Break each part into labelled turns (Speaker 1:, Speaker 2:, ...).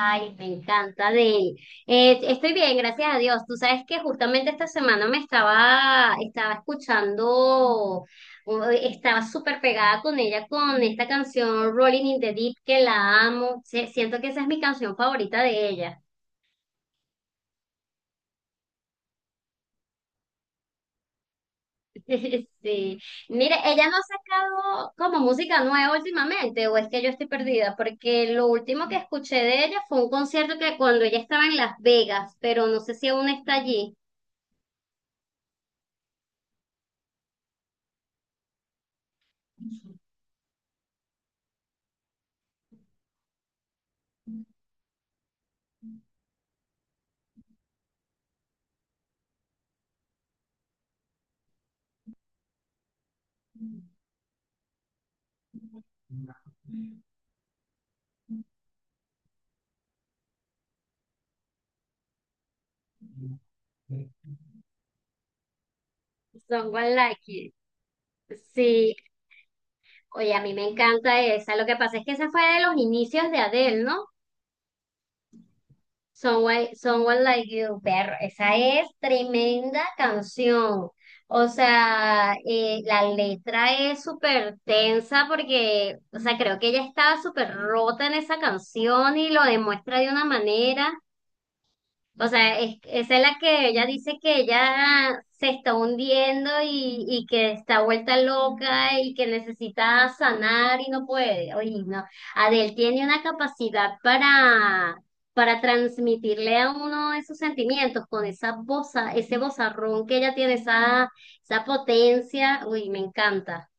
Speaker 1: Ay, me encanta, Adel. Estoy bien, gracias a Dios. Tú sabes que justamente esta semana estaba escuchando, estaba súper pegada con ella con esta canción Rolling in the Deep, que la amo. Siento que esa es mi canción favorita de ella. Sí. Mire, ella no ha sacado como música nueva últimamente, o es que yo estoy perdida, porque lo último que escuché de ella fue un concierto que cuando ella estaba en Las Vegas, pero no sé si aún está allí. Someone Like It. Sí, oye, a mí me encanta esa. Lo que pasa es que esa fue de los inicios de Adele, ¿no? Someone, Someone Like You, perro. Esa es tremenda canción. O sea, la letra es súper tensa porque, o sea, creo que ella estaba súper rota en esa canción y lo demuestra de una manera. O sea, esa es la que ella dice que ella se está hundiendo y que está vuelta loca y que necesita sanar y no puede. Oye, no. Adele tiene una capacidad para transmitirle a uno esos sentimientos con esa voz, ese vozarrón que ella tiene, esa potencia. Uy, me encanta.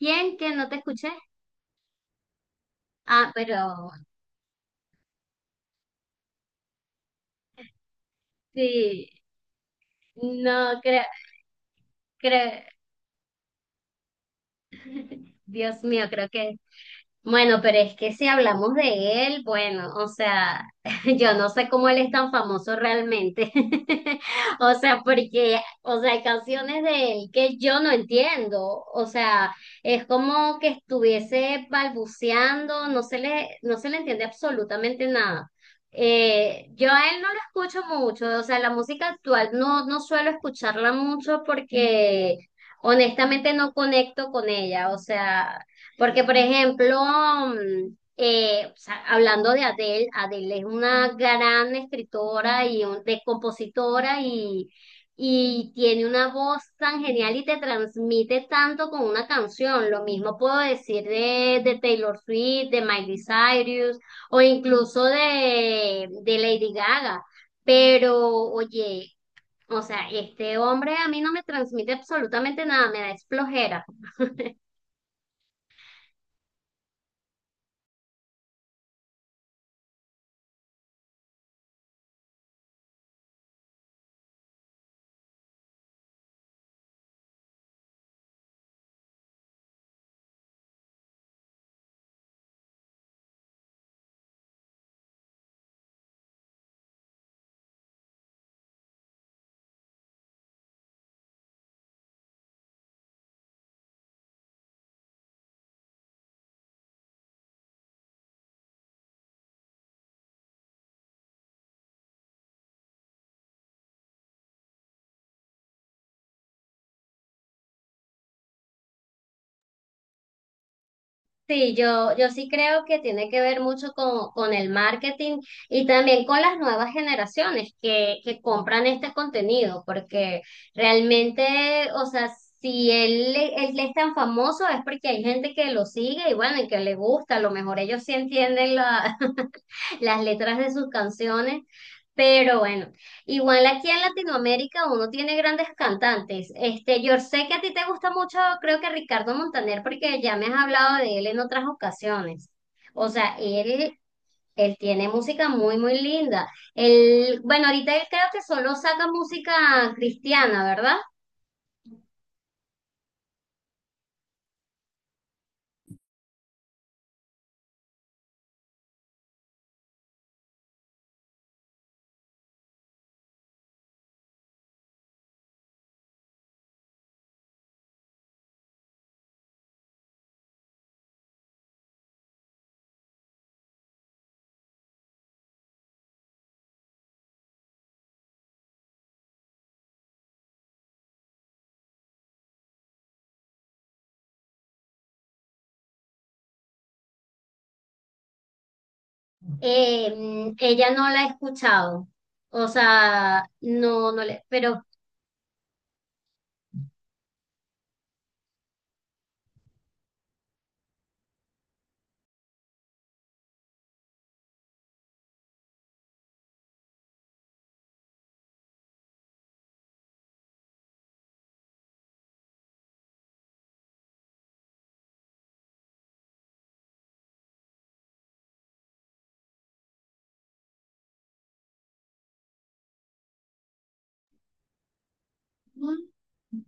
Speaker 1: ¿Quién que no te escuché? Ah, pero sí, no creo, creo, Dios mío, creo que bueno, pero es que si hablamos de él, bueno, o sea, yo no sé cómo él es tan famoso realmente. O sea, porque, o sea, hay canciones de él que yo no entiendo. O sea, es como que estuviese balbuceando, no se le entiende absolutamente nada. Yo a él no lo escucho mucho, o sea, la música actual no suelo escucharla mucho porque honestamente no conecto con ella. O sea, porque, por ejemplo, o sea, hablando de Adele, Adele es una gran escritora de compositora y tiene una voz tan genial y te transmite tanto con una canción. Lo mismo puedo decir de Taylor Swift, de Miley Cyrus o incluso de Lady Gaga. Pero, oye, o sea, este hombre a mí no me transmite absolutamente nada, me da es flojera. Sí, yo sí creo que tiene que ver mucho con el marketing y también con las nuevas generaciones que compran este contenido, porque realmente, o sea, si él, él es tan famoso es porque hay gente que lo sigue y bueno, y que le gusta, a lo mejor ellos sí entienden la, las letras de sus canciones. Pero bueno, igual aquí en Latinoamérica uno tiene grandes cantantes. Este, yo sé que a ti te gusta mucho, creo que Ricardo Montaner, porque ya me has hablado de él en otras ocasiones. O sea, él tiene música muy, muy linda. Él, bueno, ahorita él creo que solo saca música cristiana, ¿verdad? Ella no la he escuchado. O sea, no, no le, pero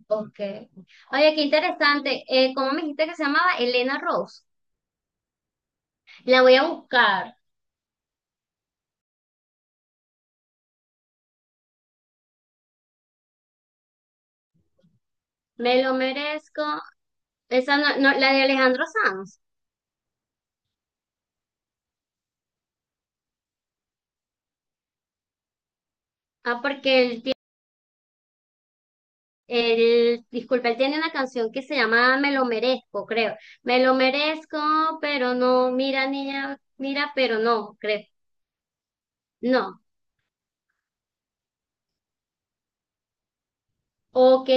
Speaker 1: ok. Oye, qué interesante. ¿Cómo me dijiste que se llamaba? Elena Rose. La voy a buscar. Me lo merezco. Esa no, no, la de Alejandro Sanz. Ah, porque él tiene, él, disculpa, él tiene una canción que se llama Me lo merezco, creo. Me lo merezco, pero no. Mira, niña, mira, pero no, creo. No. Ok.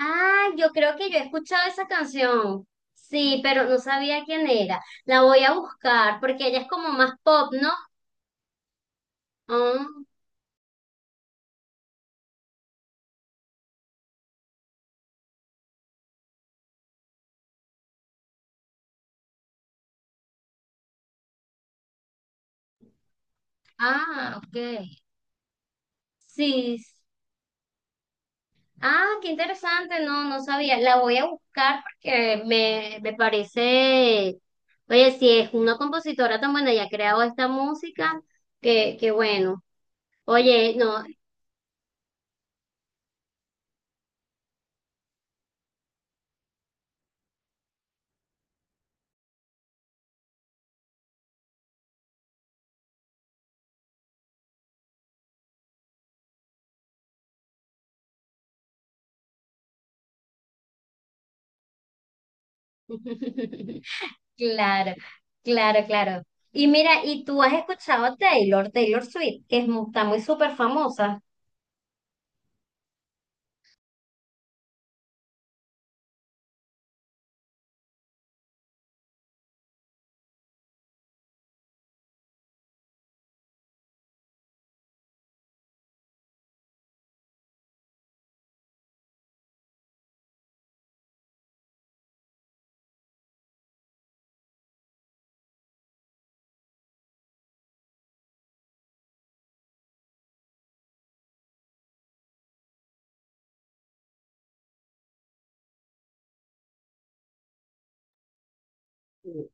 Speaker 1: Ah, yo creo que yo he escuchado esa canción. Sí, pero no sabía quién era. La voy a buscar porque ella es como más pop, ¿no? Ah. Ah, ok. Sí. s- Ah, qué interesante. No, no sabía. La voy a buscar porque me parece. Oye, si es una compositora tan buena y ha creado esta música, que bueno. Oye, no. Claro, claro, claro. Y mira, ¿y tú has escuchado a Taylor Swift, que es está muy súper famosa? Sí.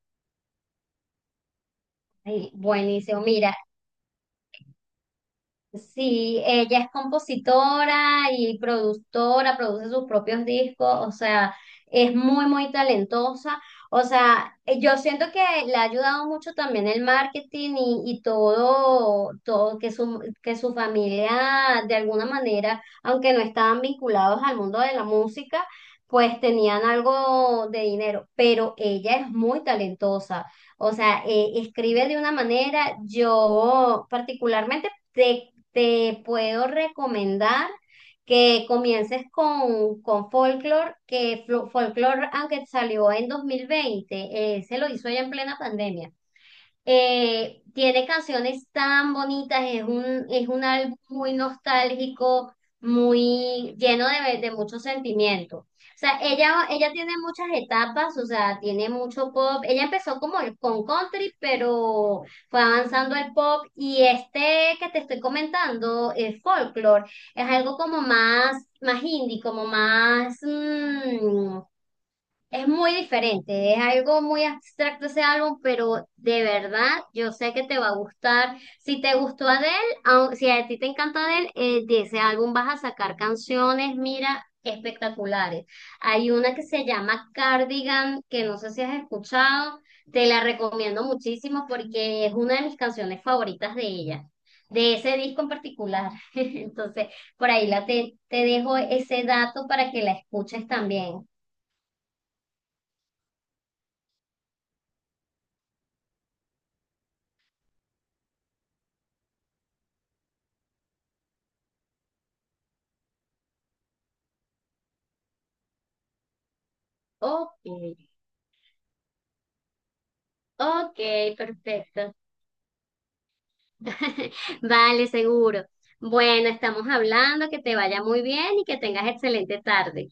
Speaker 1: Ay, buenísimo. Mira, sí, ella es compositora y productora, produce sus propios discos, o sea, es muy, muy talentosa. O sea, yo siento que le ha ayudado mucho también el marketing y todo, todo que que su familia de alguna manera, aunque no estaban vinculados al mundo de la música, pues tenían algo de dinero, pero ella es muy talentosa. O sea, escribe de una manera, yo particularmente... te puedo recomendar que comiences con Folklore, que Folklore, aunque salió en 2020, se lo hizo ya en plena pandemia. Tiene canciones tan bonitas, es un álbum muy nostálgico, muy lleno de mucho sentimiento. O sea, ella tiene muchas etapas, o sea, tiene mucho pop. Ella empezó con country, pero fue avanzando al pop. Y este que te estoy comentando, el folklore, es algo como más, más indie, como más, es muy diferente, es algo muy abstracto ese álbum, pero de verdad yo sé que te va a gustar. Si te gustó Adele, si a ti te encanta Adele, de ese álbum vas a sacar canciones, mira, espectaculares. Hay una que se llama Cardigan, que no sé si has escuchado, te la recomiendo muchísimo porque es una de mis canciones favoritas de ella, de ese disco en particular. Entonces, por ahí te dejo ese dato para que la escuches también. Ok, ok, perfecto. Vale, seguro. Bueno, estamos hablando, que te vaya muy bien y que tengas excelente tarde.